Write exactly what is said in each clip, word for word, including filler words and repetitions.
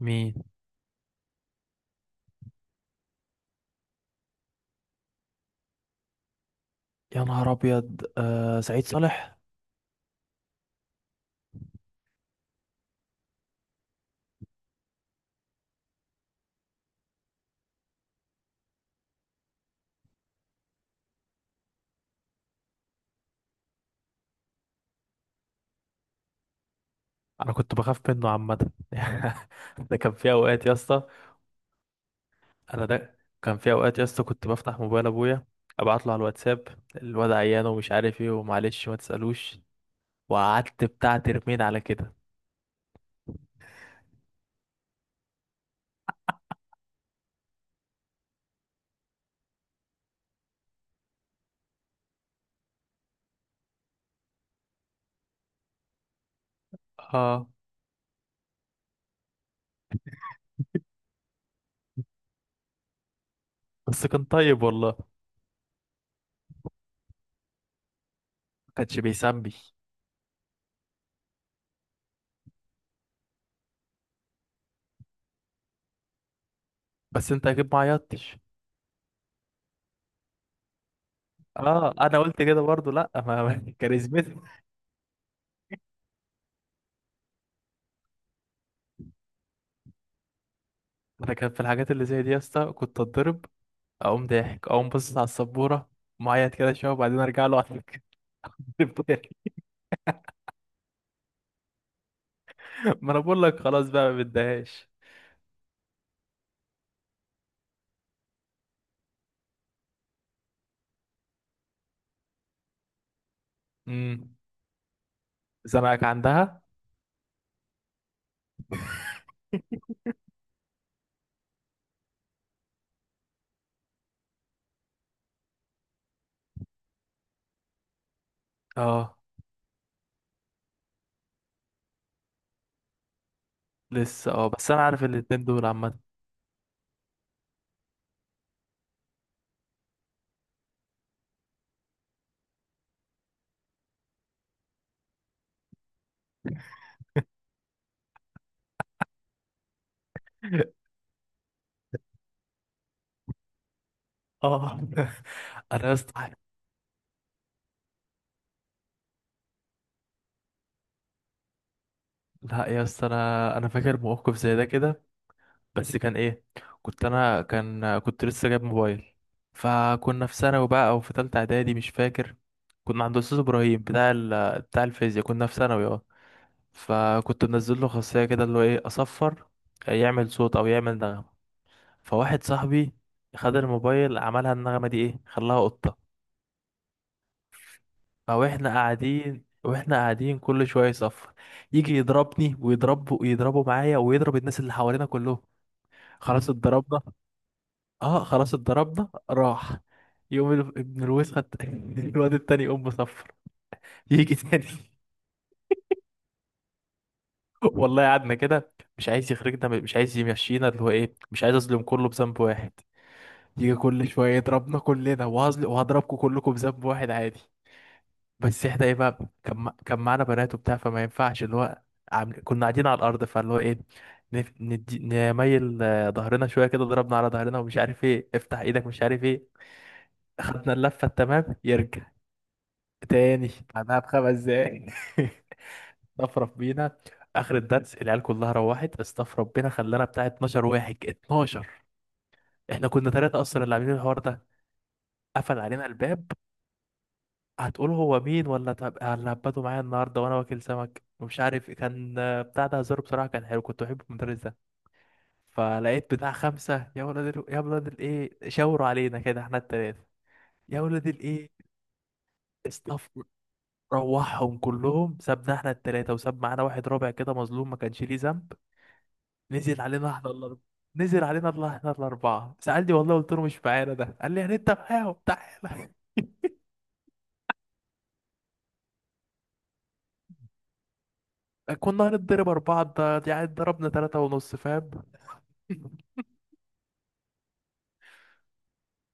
مين؟ يا نهار ابيض، آه سعيد صالح. انا كنت بخاف منه عامه. ده كان في اوقات يا اسطى. انا ده كان في اوقات يا اسطى، كنت بفتح موبايل ابويا، ابعت له على الواتساب، الواد عيان ومش عارف ايه ومعلش ما تسالوش، وقعدت بتاع ترمين على كده. اه، بس كان طيب والله، ما كانش بيسمي. بس انت اكيد ما عيطتش. اه، انا قلت كده برضو، لا ما ما- كاريزمتي. انا كان في الحاجات اللي زي دي يا اسطى كنت اتضرب، اقوم ضاحك، اقوم باصص على السبوره، معيط كده شويه، وبعدين ارجع له على الفطار. ما انا بقول لك خلاص بقى، ما بديهاش. امم، زمانك عندها. اه، لسه، اه بس انا عارف الاتنين دول عامه. اه. انا يا اسطى، لا يا اسطى، انا انا فاكر موقف زي ده كده، بس كان ايه، كنت انا كان كنت لسه جايب موبايل، فكنا في ثانوي بقى او في ثالثه اعدادي مش فاكر. كنا عند استاذ ابراهيم بتاع ال... بتاع الفيزياء، كنا في ثانوي. اه، فكنت منزل له خاصية كده اللي هو ايه، اصفر، آه، يعمل صوت او يعمل نغمة. فواحد صاحبي خد الموبايل، عملها النغمة دي ايه، خلاها قطة. او احنا قاعدين، واحنا قاعدين كل شوية يصفر، يجي يضربني ويضربه ويضربه معايا، ويضرب الناس اللي حوالينا كلهم. خلاص اتضربنا. اه، خلاص اتضربنا راح. يقوم ال- ابن الوسخة الت- الواد التاني يقوم مصفر، يجي تاني. والله قعدنا كده، مش عايز يخرجنا، مش عايز يمشينا، اللي هو ايه، مش عايز اظلم كله بذنب واحد، يجي كل شوية يضربنا كلنا، وهزل وهضربكم كلكم بذنب واحد عادي. بس احنا ايه بقى، كان مع- كان معانا بنات وبتاع، فما ينفعش اللي هو عامل... كنا قاعدين على الأرض، فاللي هو ايه، نف... ندي... نميل آه، ظهرنا شوية كده، ضربنا على ظهرنا ومش عارف ايه، افتح ايدك مش عارف ايه. خدنا اللفة، التمام، يرجع تاني بعدها بخمس دقايق. استفرف بينا، اخر الدرس العيال كلها روحت، استفرف بينا، خلانا بتاع اتناشر واحد اتناشر. احنا كنا ثلاثة اصلا اللي عاملين الحوار ده، قفل علينا الباب، هتقول هو مين ولا طب هبته معايا النهارده وانا واكل سمك ومش عارف إيه. كان آه، بتاع ده هزار بصراحه، كان حلو، كنت بحب المدرس ده. فلقيت بتاع خمسه، يا ولاد ال... يا ولاد الايه، شاوروا علينا كده احنا التلاته، يا ولاد الايه، استاف، روحهم كلهم، سابنا احنا التلاته، وساب معانا واحد رابع كده مظلوم، ما كانش ليه ذنب. نزل علينا احنا الاربعه، نزل علينا الله احنا الاربعه، سالني والله، قلت له مش معانا ده، قال لي يعني انت معاهم، تعالى. كنا هنضرب اربعه، ده يعني ضربنا ثلاثه ونص فاهم.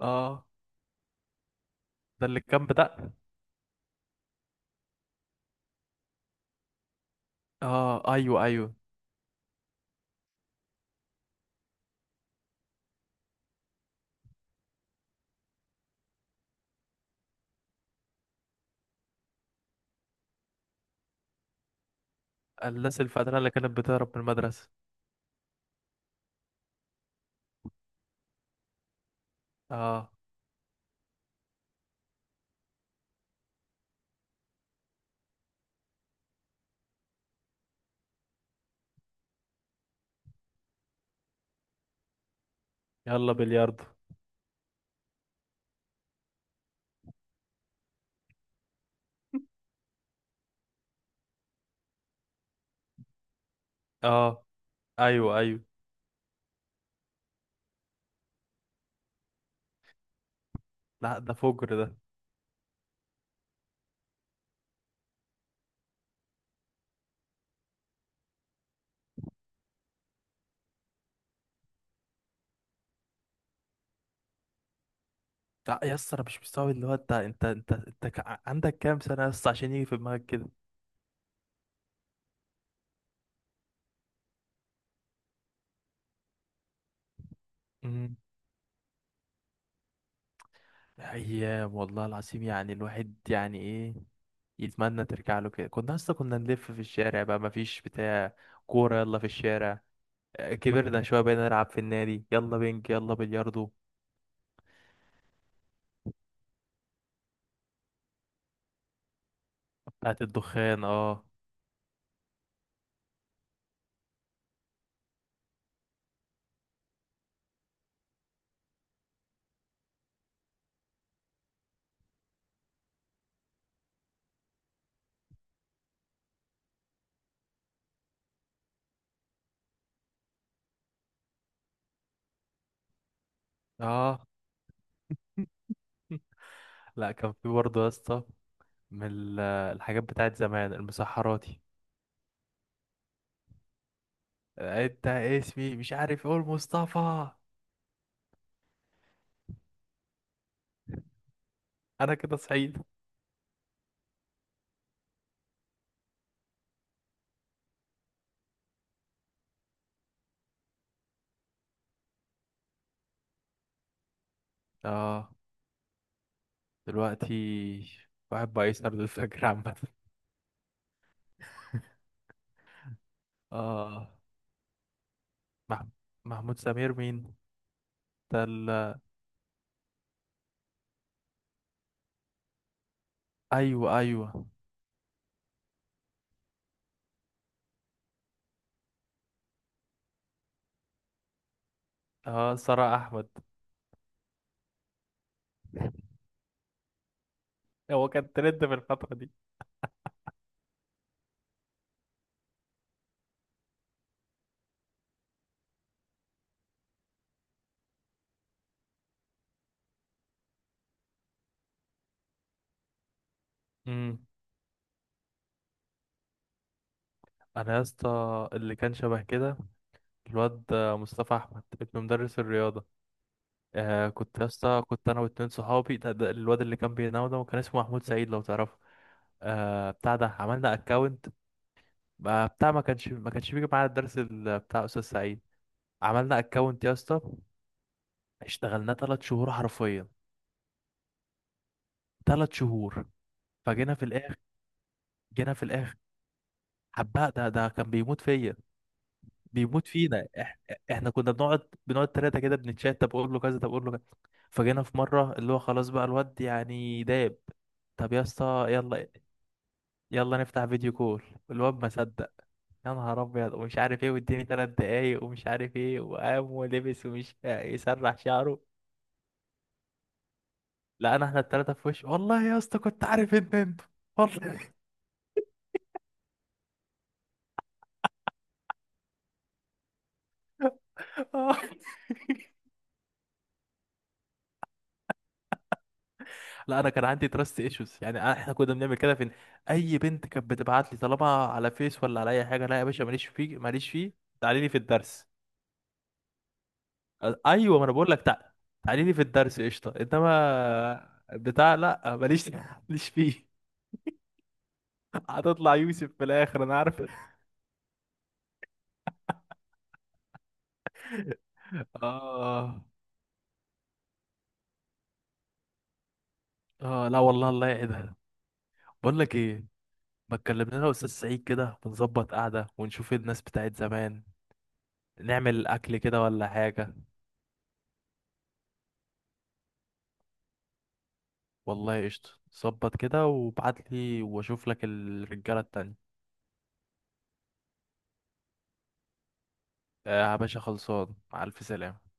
اه، ده اللي كان بتاع. اه، ايوه ايوه، الناس الفترة اللي كانت بتهرب من المدرسة. اه، يلا بلياردو. اه، ايوه ايوه. لا ده فجر ده. لا يا اسطى، انا مش مستوعب اللي هو، انت انت انت انت كا- عندك كام سنة يا اسطى عشان يجي في دماغك كده. امم، ايام والله العظيم، يعني الواحد يعني ايه، يتمنى ترجع له كده. كنا اصلا كنا نلف في الشارع بقى، مفيش بتاع، كورة يلا في الشارع. آه، كبرنا شوية بقينا نلعب في النادي، يلا بينج يلا بلياردو. بتاعت الدخان، اه. اه. لا كان في برضه يا اسطى من ال- الحاجات بتاعت زمان، المسحراتي. آه، انت اسمي مش عارف، اقول مصطفى. انا كده صعيد. اه. دلوقتي واحد بقى يسهر للفجر عامة. اه، مح... محمود سمير مين؟ ده ال... ايوه ايوه. اه، سارة احمد. هو كان ترند في الفترة دي. امم، انا يا اسطى اللي كان شبه كده، الواد مصطفى احمد ابن مدرس الرياضة. آه كنت يا اسطى، كنت انا واتنين صحابي، ده ده الواد اللي كان بينام ده، وكان اسمه محمود سعيد لو تعرفه. آه بتاع ده عملنا اكونت. بتاع ما كانش ما كانش بيجي معانا الدرس، ال- بتاع استاذ سعيد. عملنا اكونت يا اسطى، اشتغلناه تلات شهور حرفيا، تلات شهور. فجينا في الاخر، جينا في الاخر، حباه، ده ده كان بيموت فيا، بيموت فينا إح. احنا كنا بنقعد بنقعد تلاتة كده بنتشات، طب اقول له كذا، طب اقول له كذا. فجينا في مرة اللي هو خلاص بقى، الواد يعني داب. طب يا اسطى يلا، يلا نفتح فيديو كول. الواد ما صدق، يا نهار ابيض ومش عارف ايه، واديني ثلاث دقايق ومش عارف ايه، وقام ولبس ومش يسرح شعره. لقينا احنا الثلاثه في وش، والله يا اسطى كنت عارف ان انت، والله. آه. لا انا كان عندي تراست ايشوز يعني، أنا- احنا كنا بنعمل كده فين. اي بنت كانت بتبعت لي طالما على فيس ولا على اي حاجه، لا يا باشا، ماليش فيه، ماليش فيه. تعالي لي في الدرس. ايوه ما انا بقول لك تع- تعالي لي في الدرس قشطه، انما بتاع لا، ماليش، ماليش فيه. هتطلع يوسف في الاخر انا عارف. اه. اه، لا والله، الله يعيدها. بقول لك ايه، ما تكلمنا انا استاذ سعيد كده، ونظبط قعده، ونشوف ايه الناس بتاعت زمان، نعمل اكل كده ولا حاجه. والله قشطه، ظبط كده وابعت لي، واشوف لك الرجاله التانية. آه يا باشا، خلصان، مع الف سلامه.